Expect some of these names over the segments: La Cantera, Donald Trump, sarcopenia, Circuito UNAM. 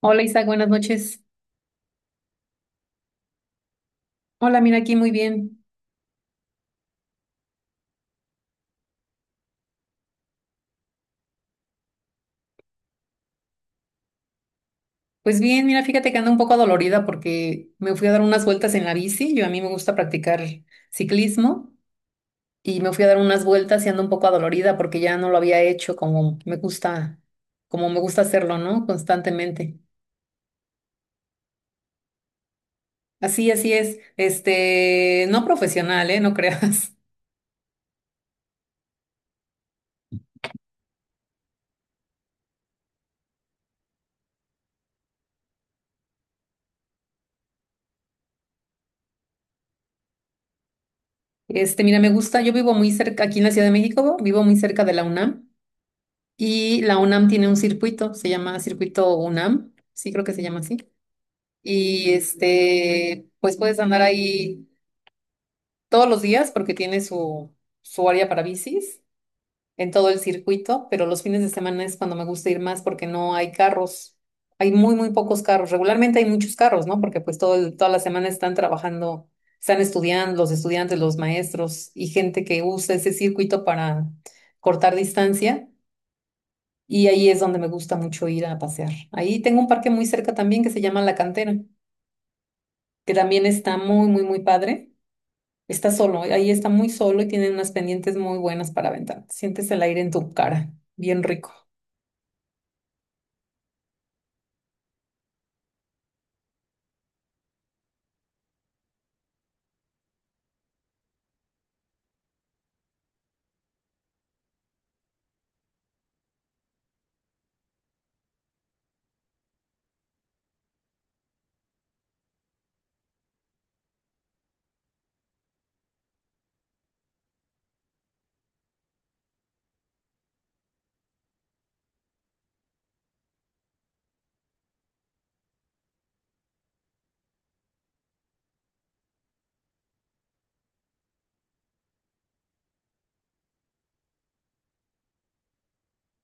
Hola Isaac, buenas noches. Hola, mira aquí muy bien. Pues bien, mira, fíjate que ando un poco dolorida porque me fui a dar unas vueltas en la bici. Yo a mí me gusta practicar ciclismo y me fui a dar unas vueltas y ando un poco adolorida porque ya no lo había hecho como me gusta hacerlo, ¿no? Constantemente. Así, así es. No profesional, ¿eh? No creas. Mira, me gusta, yo vivo muy cerca, aquí en la Ciudad de México, vivo muy cerca de la UNAM y la UNAM tiene un circuito, se llama Circuito UNAM, sí creo que se llama así. Y este, pues puedes andar ahí todos los días porque tiene su área para bicis en todo el circuito, pero los fines de semana es cuando me gusta ir más porque no hay carros. Hay muy, muy pocos carros. Regularmente hay muchos carros, ¿no? Porque pues toda la semana están trabajando, están estudiando, los estudiantes, los maestros y gente que usa ese circuito para cortar distancia. Y ahí es donde me gusta mucho ir a pasear. Ahí tengo un parque muy cerca también que se llama La Cantera, que también está muy, muy, muy padre. Está solo, ahí está muy solo y tiene unas pendientes muy buenas para aventar. Sientes el aire en tu cara, bien rico.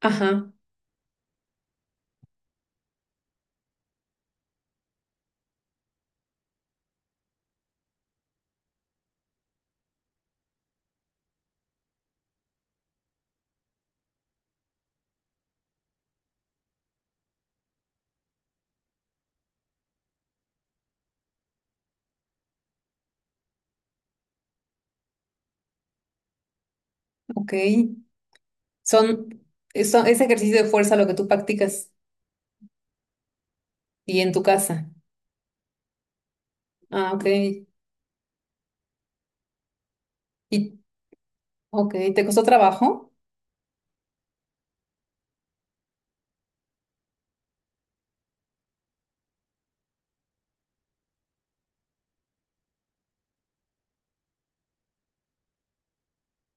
Ajá, ok. Son, es ejercicio de fuerza lo que tú practicas y en tu casa. Ah, ok. Y, ok, ¿te costó trabajo?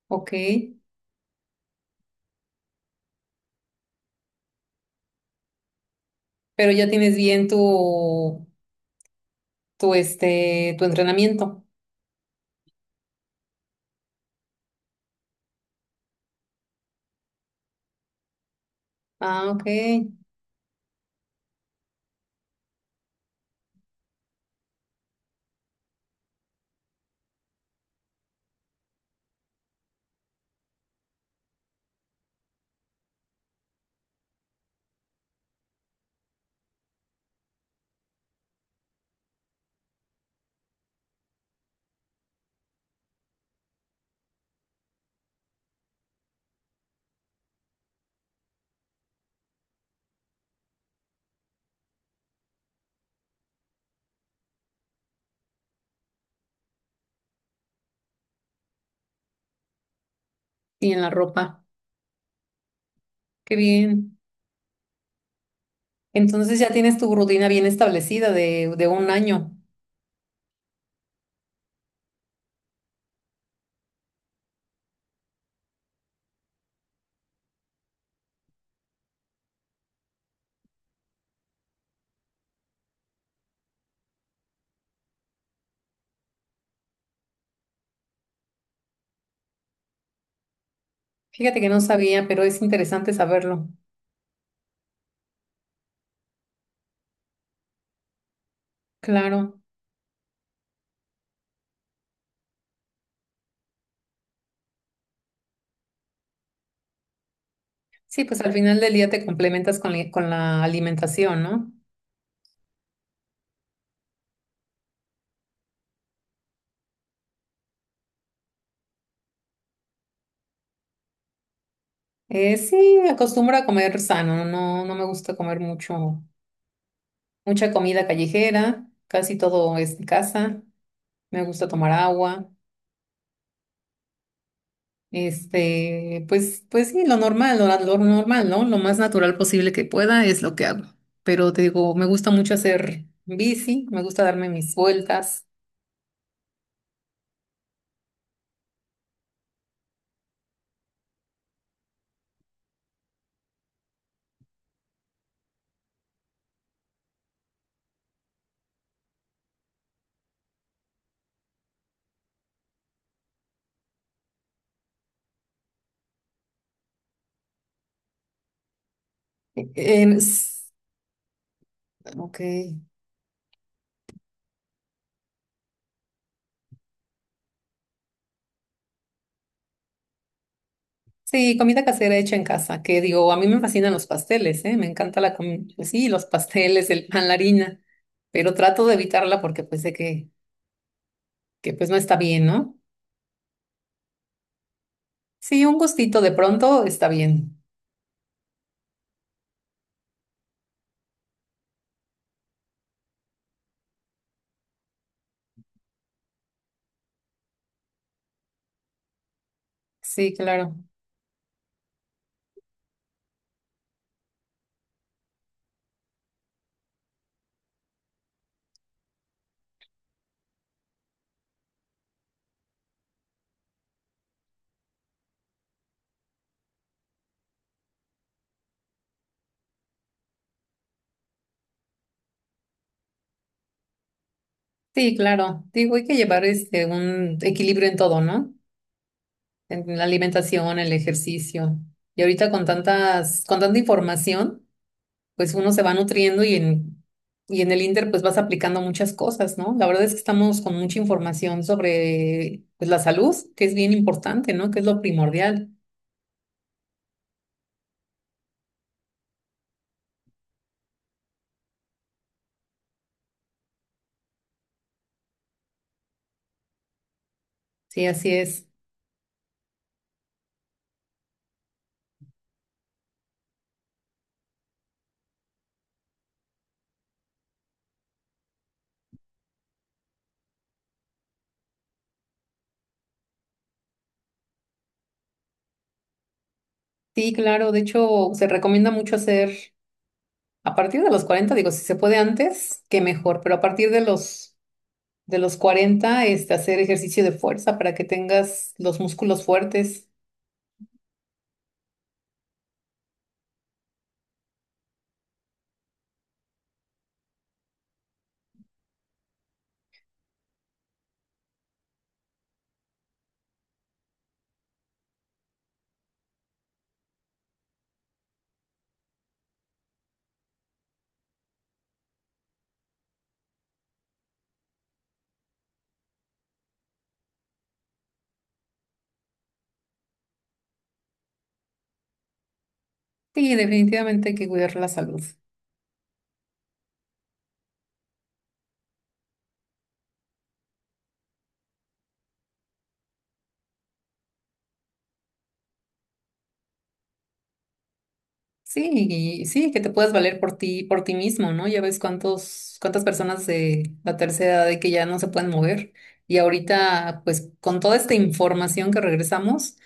Ok, pero ya tienes bien este, tu entrenamiento. Ah, ok. Y en la ropa. Qué bien. Entonces ya tienes tu rutina bien establecida de un año. Fíjate que no sabía, pero es interesante saberlo. Claro. Sí, pues al final del día te complementas con, con la alimentación, ¿no? Sí, me acostumbro a comer sano, no, no me gusta comer mucho, mucha comida callejera, casi todo es de casa, me gusta tomar agua, este, pues, pues sí, lo normal, ¿no? Lo más natural posible que pueda es lo que hago. Pero te digo, me gusta mucho hacer bici, me gusta darme mis vueltas. Em, s- ok. Sí, comida casera hecha en casa, que digo, a mí me fascinan los pasteles, ¿eh? Me encanta la comida, sí, los pasteles, el pan, la harina, pero trato de evitarla porque pues sé que pues no está bien, ¿no? Sí, un gustito de pronto está bien. Sí, claro. Sí, claro. Digo, hay que llevar este un equilibrio en todo, ¿no? En la alimentación, el ejercicio. Y ahorita con tantas, con tanta información. Pues uno se va nutriendo y en el Inter pues vas aplicando muchas cosas, ¿no? La verdad es que estamos con mucha información sobre pues la salud, que es bien importante, ¿no? Que es lo primordial. Sí, así es. Sí, claro, de hecho se recomienda mucho hacer a partir de los 40. Digo, si se puede antes, que mejor, pero a partir de los 40 este hacer ejercicio de fuerza para que tengas los músculos fuertes. Sí, definitivamente hay que cuidar la salud. Sí, y sí, que te puedas valer por ti mismo, ¿no? Ya ves cuántos, cuántas personas de la tercera edad de que ya no se pueden mover. Y ahorita, pues, con toda esta información que regresamos,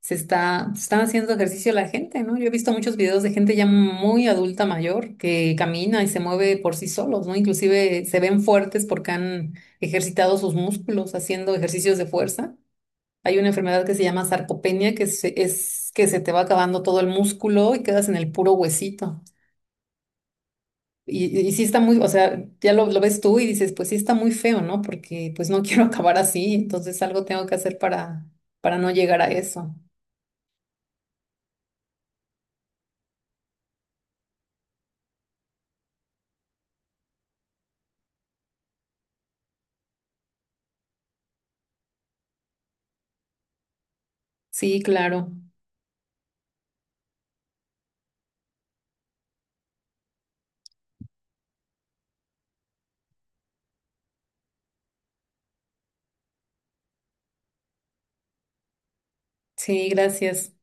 se están haciendo ejercicio la gente, ¿no? Yo he visto muchos videos de gente ya muy adulta mayor que camina y se mueve por sí solos, ¿no? Inclusive se ven fuertes porque han ejercitado sus músculos haciendo ejercicios de fuerza. Hay una enfermedad que se llama sarcopenia, es que se te va acabando todo el músculo y quedas en el puro huesito. Y sí está muy, o sea, ya lo ves tú y dices, pues sí está muy feo, ¿no? Porque pues no quiero acabar así, entonces algo tengo que hacer para no llegar a eso. Sí, claro. Sí, gracias.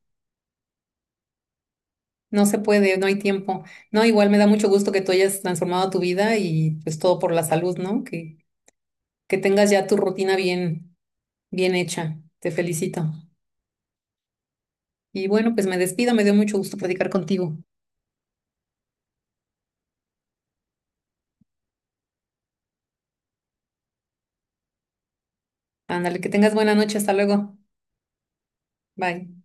No se puede, no hay tiempo. No, igual me da mucho gusto que tú hayas transformado tu vida y pues todo por la salud, ¿no? Que tengas ya tu rutina bien hecha. Te felicito. Y bueno, pues me despido, me dio mucho gusto platicar contigo. Ándale, que tengas buena noche, hasta luego. Bye.